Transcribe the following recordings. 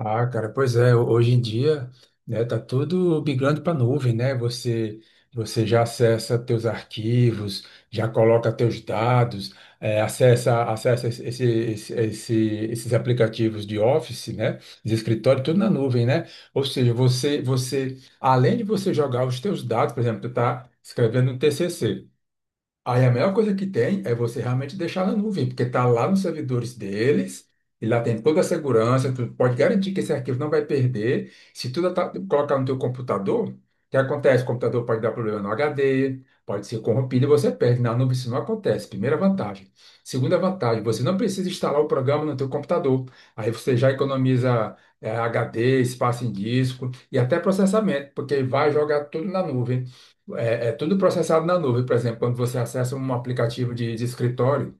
Ah, cara, pois é, hoje em dia, né, tá tudo migrando para nuvem, né? Você já acessa teus arquivos, já coloca teus dados, acessa esses aplicativos de Office, né? De escritório, tudo na nuvem, né? Ou seja, você além de você jogar os teus dados, por exemplo, tu tá escrevendo um TCC. Aí a melhor coisa que tem é você realmente deixar na nuvem, porque está lá nos servidores deles, e lá tem toda a segurança, tu pode garantir que esse arquivo não vai perder. Se tu colocar no teu computador, o que acontece? O computador pode dar problema no HD, pode ser corrompido e você perde. Na nuvem isso não acontece, primeira vantagem. Segunda vantagem, você não precisa instalar o programa no teu computador. Aí você já economiza HD, espaço em disco e até processamento, porque vai jogar tudo na nuvem. É tudo processado na nuvem. Por exemplo, quando você acessa um aplicativo de escritório,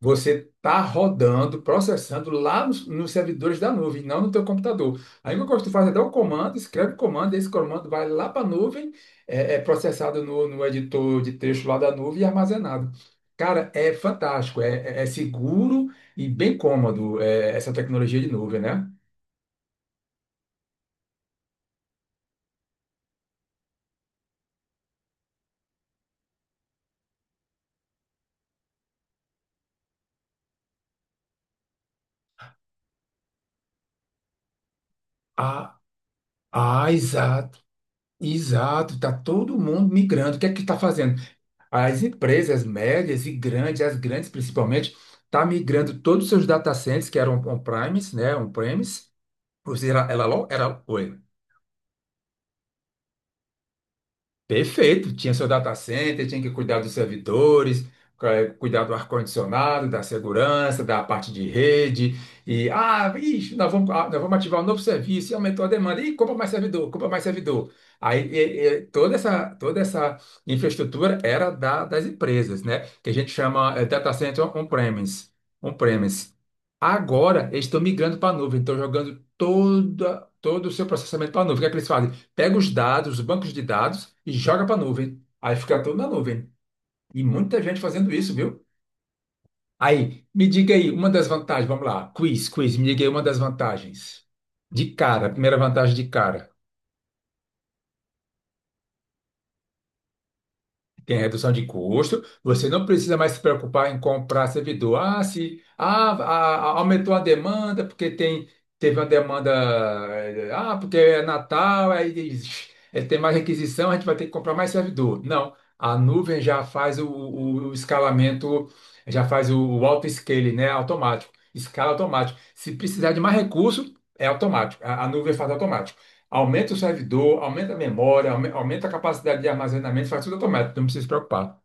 você está rodando, processando lá nos servidores da nuvem, não no teu computador. Aí o que eu faz é dar um comando, escreve o comando, esse comando vai lá para a nuvem, é processado no editor de texto lá da nuvem e armazenado. Cara, é fantástico, é seguro e bem cômodo, é, essa tecnologia de nuvem, né? Ah, ah, exato, exato. Tá todo mundo migrando. O que é que está fazendo? As empresas médias e grandes, as grandes principalmente, tá migrando todos os seus data centers, que eram on-premise, né, on-premise, ou seja, oi, perfeito. Tinha seu data center, tinha que cuidar dos servidores, cuidar do ar-condicionado, da segurança, da parte de rede. E, ah, ixi, nós vamos ativar um novo serviço e aumentou a demanda. Ih, compra mais servidor, compra mais servidor. Aí, e toda essa infraestrutura era das empresas, né? Que a gente chama, data center on-premise. On-premise. Agora, eles estão migrando para a nuvem, estão jogando todo o seu processamento para a nuvem. O que é que eles fazem? Pega os dados, os bancos de dados e joga para a nuvem. Aí fica tudo na nuvem. E muita gente fazendo isso, viu? Aí, me diga aí uma das vantagens, vamos lá. Me diga aí uma das vantagens. De cara, primeira vantagem de cara. Tem redução de custo, você não precisa mais se preocupar em comprar servidor. Ah, se ah, a- aumentou a demanda, porque tem, teve uma demanda, porque é Natal, aí tem mais requisição, a gente vai ter que comprar mais servidor. Não, a nuvem já faz o escalamento, já faz o auto-scaling, né? Automático, escala automático. Se precisar de mais recurso, é automático. A nuvem faz automático. Aumenta o servidor, aumenta a memória, aumenta a capacidade de armazenamento, faz tudo automático, não precisa se preocupar.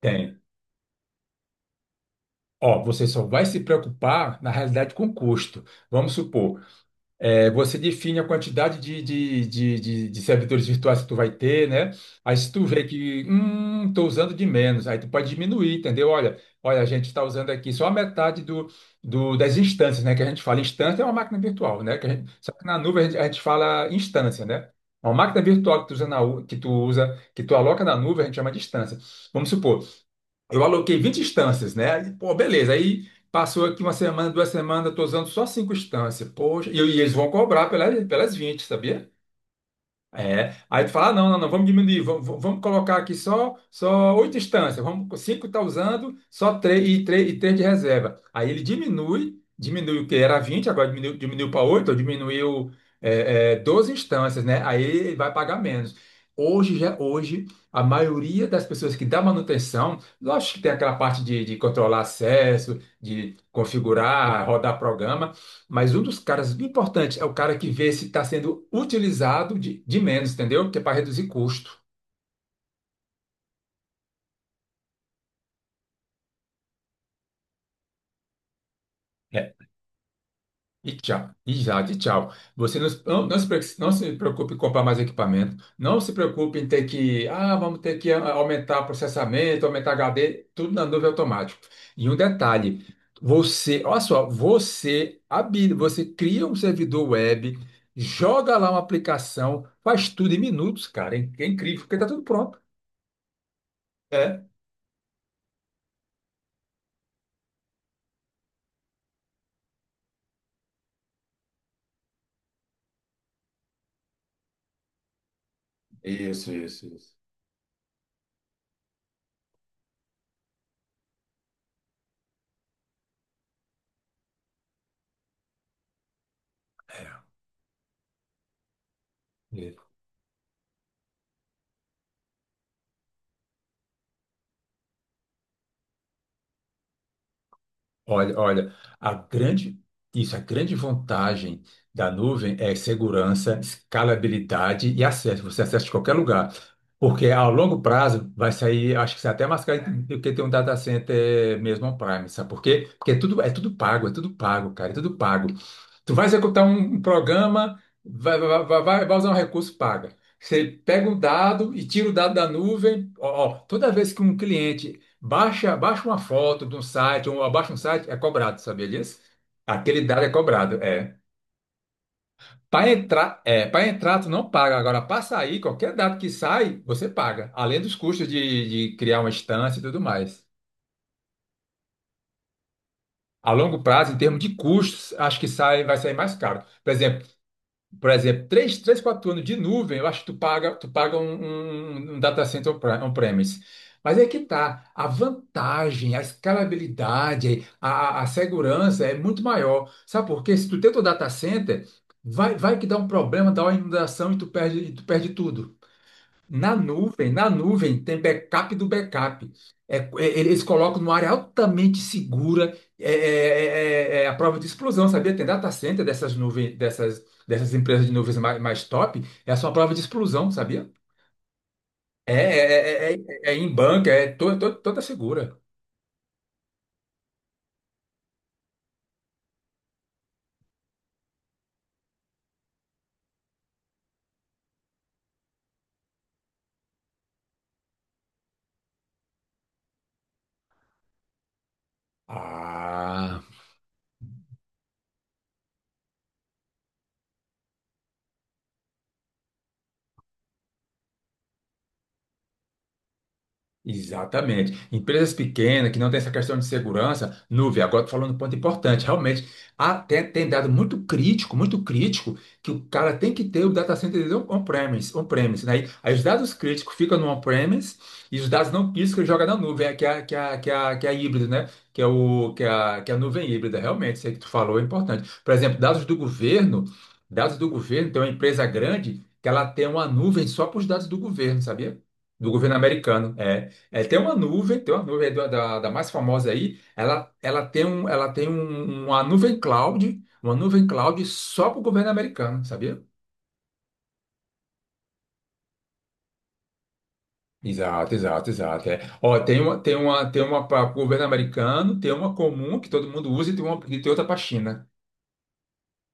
Tem. Ó, você só vai se preocupar, na realidade, com o custo. Vamos supor, é, você define a quantidade de servidores virtuais que tu vai ter, né? Aí se tu vê que, tô usando de menos, aí tu pode diminuir, entendeu? Olha, olha, a gente está usando aqui só a metade das instâncias, né? Que a gente fala instância é uma máquina virtual, né? Só que na nuvem a gente fala instância, né? É uma máquina virtual que tu usa que tu aloca na nuvem, a gente chama de instância. Vamos supor, eu aloquei 20 instâncias, né? E, pô, beleza. Aí passou aqui uma semana, 2 semanas, eu tô usando só cinco instâncias. Poxa, e eles vão cobrar pelas 20, sabia? É. Aí tu fala, ah, não, não, não, vamos diminuir, vamos colocar aqui só oito instâncias, vamos, cinco está usando, só três e três e três de reserva. Aí ele diminui o que era 20 agora diminuiu para 8, ou diminuiu 12 instâncias, né? Aí ele vai pagar menos. Hoje, a maioria das pessoas que dá manutenção, lógico que tem aquela parte de controlar acesso, de configurar, rodar programa, mas um dos caras importantes é o cara que vê se está sendo utilizado de menos, entendeu? Que é para reduzir custo. É. E tchau. E já de tchau. Você não se preocupe em comprar mais equipamento. Não se preocupe em ter que. Ah, vamos ter que aumentar processamento, aumentar HD, tudo na nuvem automático. E um detalhe: você, olha só, você habilita, você cria um servidor web, joga lá uma aplicação, faz tudo em minutos, cara. É incrível, porque está tudo pronto. Isso, isso, isso. É. Olha, olha, a grande, isso, a grande vantagem da nuvem é segurança, escalabilidade e acesso. Você acessa de qualquer lugar. Porque a longo prazo vai sair, acho que sai até mais caro do que ter um data center mesmo on-premise, sabe por quê? Porque é tudo pago, cara, é tudo pago. Tu vai executar um programa, vai usar um recurso, paga. Você pega um dado e tira o dado da nuvem. Ó, ó, toda vez que um cliente baixa uma foto de um site, ou abaixa um site, é cobrado, sabia disso? Aquele dado é cobrado, é. Para entrar, tu não paga. Agora, para sair, qualquer dado que sai, você paga. Além dos custos de criar uma instância e tudo mais. A longo prazo, em termos de custos, acho que vai sair mais caro. Por exemplo, três 4 anos de nuvem, eu acho que tu paga um data center on-premise. Mas é que tá, a vantagem, a escalabilidade, a segurança é muito maior. Sabe por quê? Se tu tem teu data center, vai que dá um problema, dá uma inundação e tu perde tudo. Na nuvem tem backup do backup. É, é, eles colocam numa área altamente segura, é a prova de explosão, sabia? Tem data center dessas nuvens, dessas empresas de nuvens mais top, é só uma prova de explosão, sabia? É em banca, é toda segura. Ah. Exatamente. Empresas pequenas que não têm essa questão de segurança, nuvem. Agora tô falando um ponto importante, realmente, até tem dado muito crítico, que o cara tem que ter o data center dele on-premise, on-premise, né? Aí os dados críticos ficam no on-premise e os dados não críticos ele joga na nuvem, que é, que é a híbrida, né? Que é a nuvem híbrida, realmente, isso aí que tu falou é importante. Por exemplo, dados do governo, tem uma empresa grande que ela tem uma nuvem só para os dados do governo, sabia? Do governo americano. É. É, tem uma nuvem é da mais famosa aí. Ela tem uma nuvem cloud só para o governo americano, sabia? Exato, exato, exato. É. Ó, tem uma para o governo americano, tem uma comum que todo mundo usa e e tem outra para a China.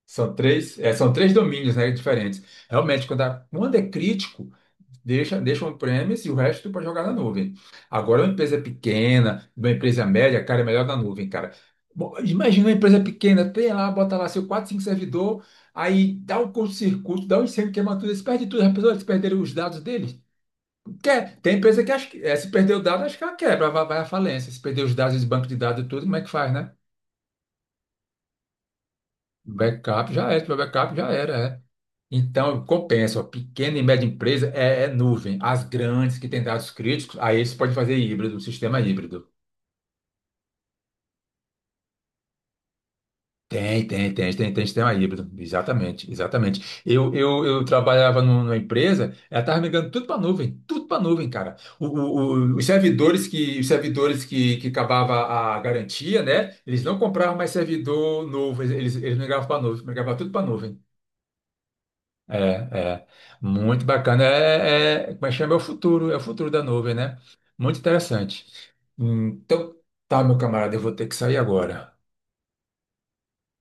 São três domínios, né, diferentes. Realmente, quando é crítico, deixa on-premise e o resto para jogar na nuvem. Agora, uma empresa pequena, uma empresa média, cara, é melhor na nuvem, cara. Bom, imagina uma empresa pequena, tem lá, bota lá seu 4, 5 servidor, aí dá um curto-circuito, dá um incêndio, queima tudo, eles perdem tudo, as pessoas eles perderam os dados deles. Tem empresa que se perder o dado, acho que ela quebra, vai à falência. Se perder os dados, esse banco de dados e tudo, como é que faz, né? Se tiver backup já era, é. Então, compensa, ó, pequena e média empresa é nuvem. As grandes que têm dados críticos, aí você pode fazer híbrido, sistema híbrido. Tem sistema híbrido. Exatamente, exatamente. Eu trabalhava numa empresa, ela estava migrando tudo para nuvem, cara. Os servidores que, que acabava a garantia, né? Eles não compravam mais servidor novo, eles migravam para nuvem, migravam tudo para nuvem. É, é. Muito bacana. Como é que chama? É o futuro da nuvem, né? Muito interessante. Então, tá, meu camarada, eu vou ter que sair agora.